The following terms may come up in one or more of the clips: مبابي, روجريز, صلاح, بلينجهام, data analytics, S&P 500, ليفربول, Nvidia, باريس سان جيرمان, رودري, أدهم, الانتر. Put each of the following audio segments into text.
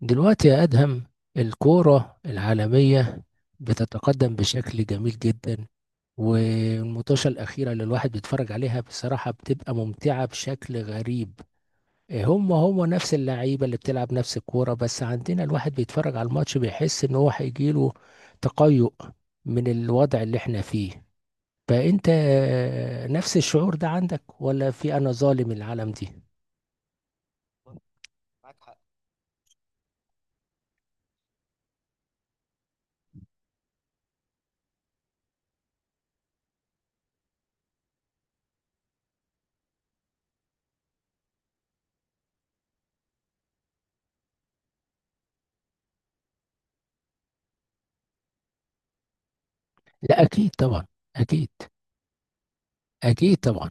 دلوقتي يا أدهم، الكورة العالمية بتتقدم بشكل جميل جدا، والمطوشة الأخيرة اللي الواحد بيتفرج عليها بصراحة بتبقى ممتعة بشكل غريب. هم نفس اللعيبة اللي بتلعب نفس الكورة، بس عندنا الواحد بيتفرج على الماتش بيحس إن هو هيجيله تقيؤ من الوضع اللي احنا فيه. فأنت نفس الشعور ده عندك ولا في أنا ظالم العالم دي؟ لا، أكيد طبعا. أكيد. أكيد طبعا.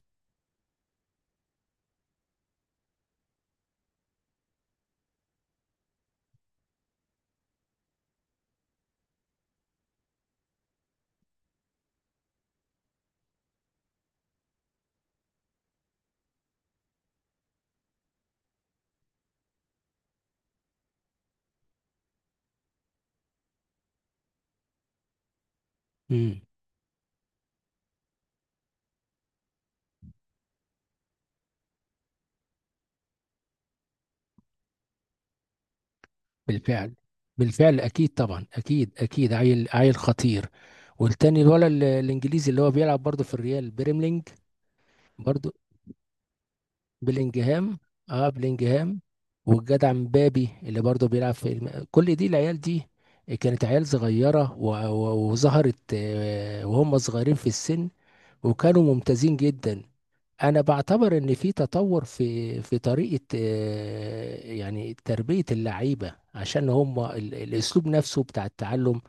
مم. بالفعل. بالفعل اكيد طبعا. اكيد، اكيد. عيل عيل خطير. والتاني الولد الانجليزي اللي هو بيلعب برضه في الريال بيرملينج. برضه. بلينجهام. اه، بلينجهام. والجدع مبابي اللي برضه بيلعب في كل دي العيال دي كانت عيال صغيرة و... و... وظهرت وهم صغيرين في السن، وكانوا ممتازين جدا. انا بعتبر ان في تطور في طريقه، يعني تربيه اللعيبه، عشان هم الاسلوب نفسه بتاع التعلم.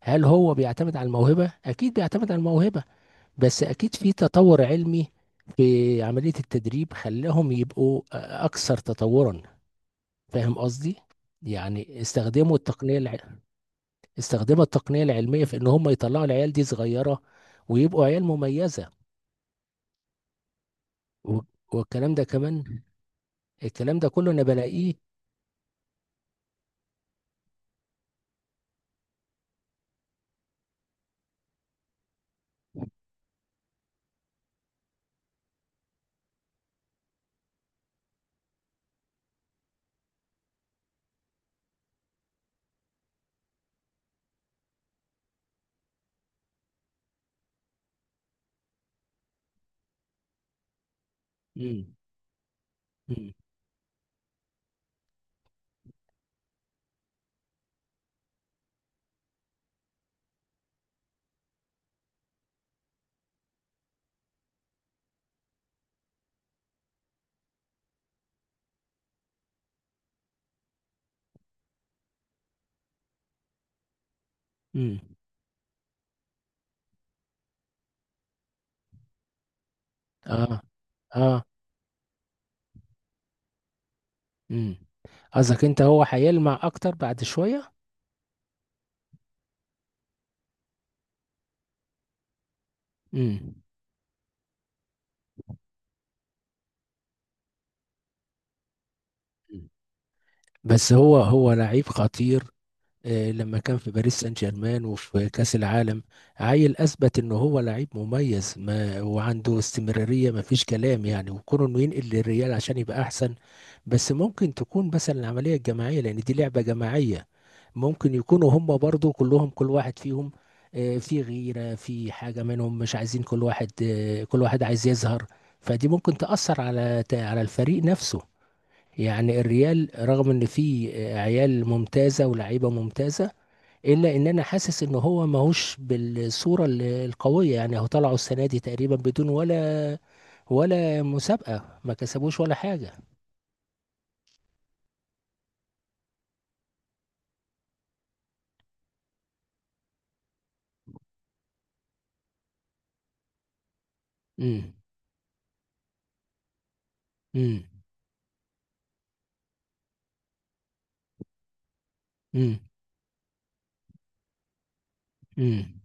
هل هو بيعتمد على الموهبه؟ اكيد بيعتمد على الموهبه، بس اكيد في تطور علمي في عمليه التدريب خلاهم يبقوا اكثر تطورا. فاهم قصدي؟ يعني استخدموا التقنيه العلميه في ان هم يطلعوا العيال دي صغيره، ويبقوا عيال مميزه. و- والكلام ده كمان الكلام ده كله انا بلاقيه. امم. امم. امم. اه. اه. امم. قصدك انت هو هيلمع اكتر بعد شوية؟ امم. بس هو لعيب خطير. لما كان في باريس سان جيرمان وفي كأس العالم، عيل أثبت إن هو لعيب مميز، ما وعنده استمرارية ما فيش كلام يعني، وكونه إنه ينقل للريال عشان يبقى أحسن. بس ممكن تكون مثلا العملية الجماعية، لأن دي لعبة جماعية. ممكن يكونوا هم برضو كلهم، كل واحد فيهم في غيرة، في حاجة منهم مش عايزين، كل واحد كل واحد عايز يظهر. فدي ممكن تأثر على الفريق نفسه. يعني الريال رغم ان فيه عيال ممتازة ولاعيبة ممتازة، الا ان انا حاسس ان هو ماهوش بالصوره القويه. يعني هو طلعوا السنه دي تقريبا بدون ولا مسابقه، ما كسبوش ولا حاجه. امم. امم. امم. امم.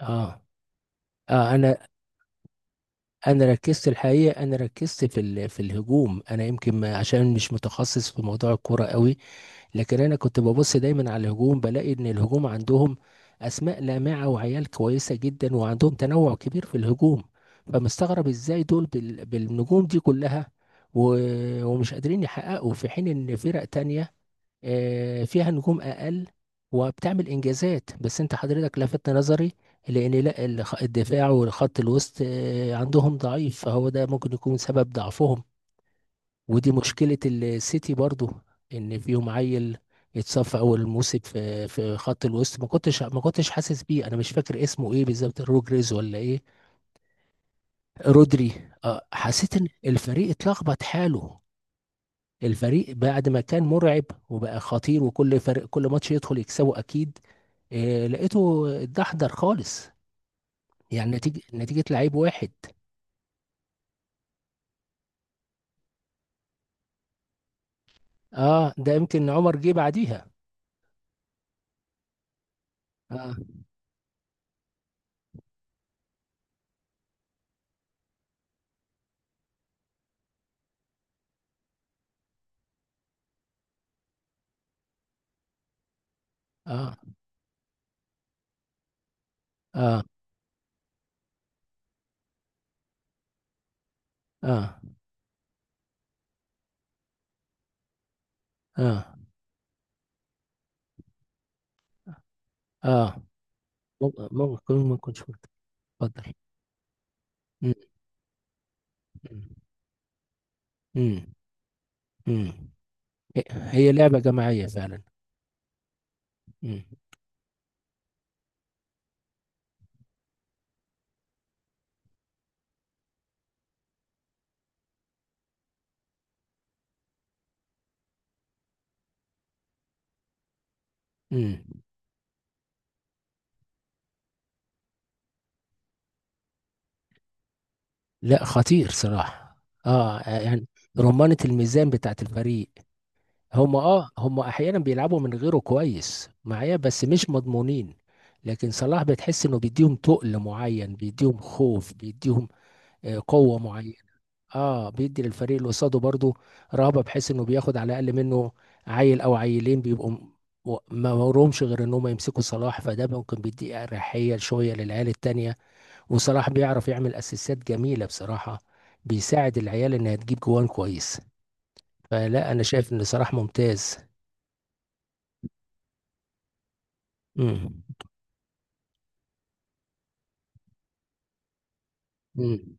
اه. اه. انا ركزت الحقيقه، انا ركزت في في الهجوم. انا يمكن عشان مش متخصص في موضوع الكوره قوي. لكن انا كنت ببص دايما على الهجوم، بلاقي ان الهجوم عندهم اسماء لامعه وعيال كويسه جدا، وعندهم تنوع كبير في الهجوم. فمستغرب ازاي دول بالنجوم دي كلها، و... ومش قادرين يحققوا، في حين ان فرق تانية فيها نجوم اقل وبتعمل انجازات. بس انت حضرتك لفت نظري، لان لا الدفاع والخط الوسط عندهم ضعيف، فهو ده ممكن يكون سبب ضعفهم. ودي مشكلة السيتي برضو، ان فيهم عيل اتصف اول موسم في خط الوسط ما كنتش حاسس بيه، انا مش فاكر اسمه ايه بالظبط، روجريز ولا ايه؟ رودري. حسيت ان الفريق اتلخبط حاله، الفريق بعد ما كان مرعب وبقى خطير، وكل فريق كل ماتش يدخل يكسبه اكيد، لقيته اتدحضر خالص. يعني نتيجة لعيب واحد. اه، ده يمكن عمر جه بعديها. اه. اه. اه. اه. اه. آه. موقف كوميدي، ما كنتش مت- اتفضل. مم. مم. مم. هي لعبة جماعية فعلا. مم. مم. لا، خطير صراحة. اه يعني رمانة الميزان بتاعت الفريق. هم احيانا بيلعبوا من غيره كويس معايا، بس مش مضمونين. لكن صلاح بتحس انه بيديهم تقل معين، بيديهم خوف، بيديهم قوة معينة. اه، بيدي للفريق اللي قصاده برضه رهبه، بحيث انه بياخد على الاقل منه عيل او عيلين بيبقوا ما ورهمش غير ان هم يمسكوا صلاح، فده ممكن بيدي اريحيه شويه للعيال التانيه. وصلاح بيعرف يعمل اسيستات جميله بصراحه، بيساعد العيال انها تجيب جوان كويس. فلا، انا شايف ان صلاح ممتاز. امم. امم.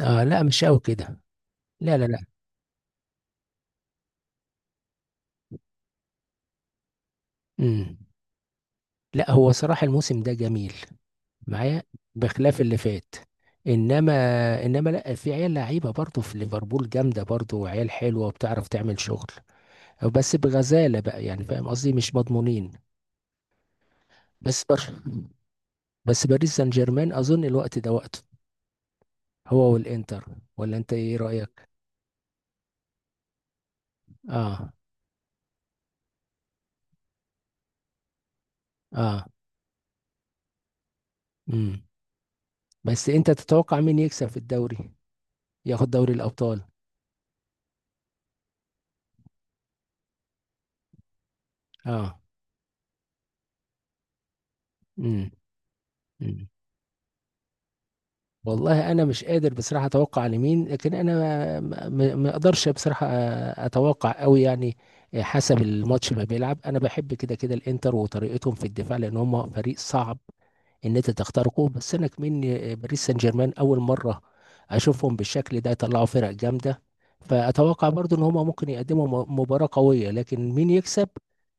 اه، لا مش قوي كده. لا، لا، لا. امم. لا، هو صراحه الموسم ده جميل معايا، بخلاف اللي فات. انما انما لا، في عيال لعيبه برضه في ليفربول جامده، برضه وعيال حلوه وبتعرف تعمل شغل، بس بغزاله بقى يعني فاهم قصدي، مش مضمونين. بس بر... بس باريس سان جيرمان اظن الوقت ده وقته، هو والانتر. ولا انت ايه رايك؟ اه. اه. امم. بس انت تتوقع مين يكسب في الدوري، ياخد دوري الابطال؟ اه. امم. والله انا مش قادر بصراحه اتوقع لمين، لكن انا ما اقدرش بصراحه اتوقع قوي يعني. حسب الماتش ما بيلعب، انا بحب كده كده الانتر وطريقتهم في الدفاع، لان هم فريق صعب ان انت تخترقه. بس انا كمان، باريس سان جيرمان اول مره اشوفهم بالشكل ده يطلعوا فرق جامده، فاتوقع برضو ان هم ممكن يقدموا مباراه قويه، لكن مين يكسب؟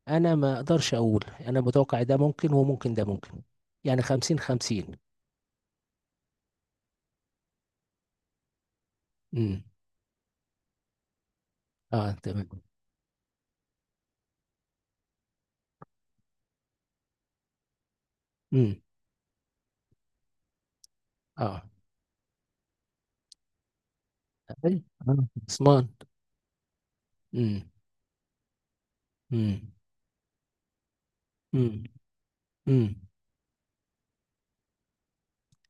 انا ما اقدرش اقول انا متوقع. ده ممكن وممكن، ده ممكن، يعني 50-50. امم. اه تمام. مم. اه. اي، انا خلصان. امم. امم. امم. امم.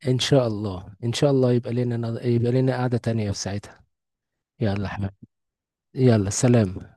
ان شاء الله، ان شاء الله، يبقى لنا قعدة تانية في ساعتها. يلا يا حبيبي. يلا، سلام.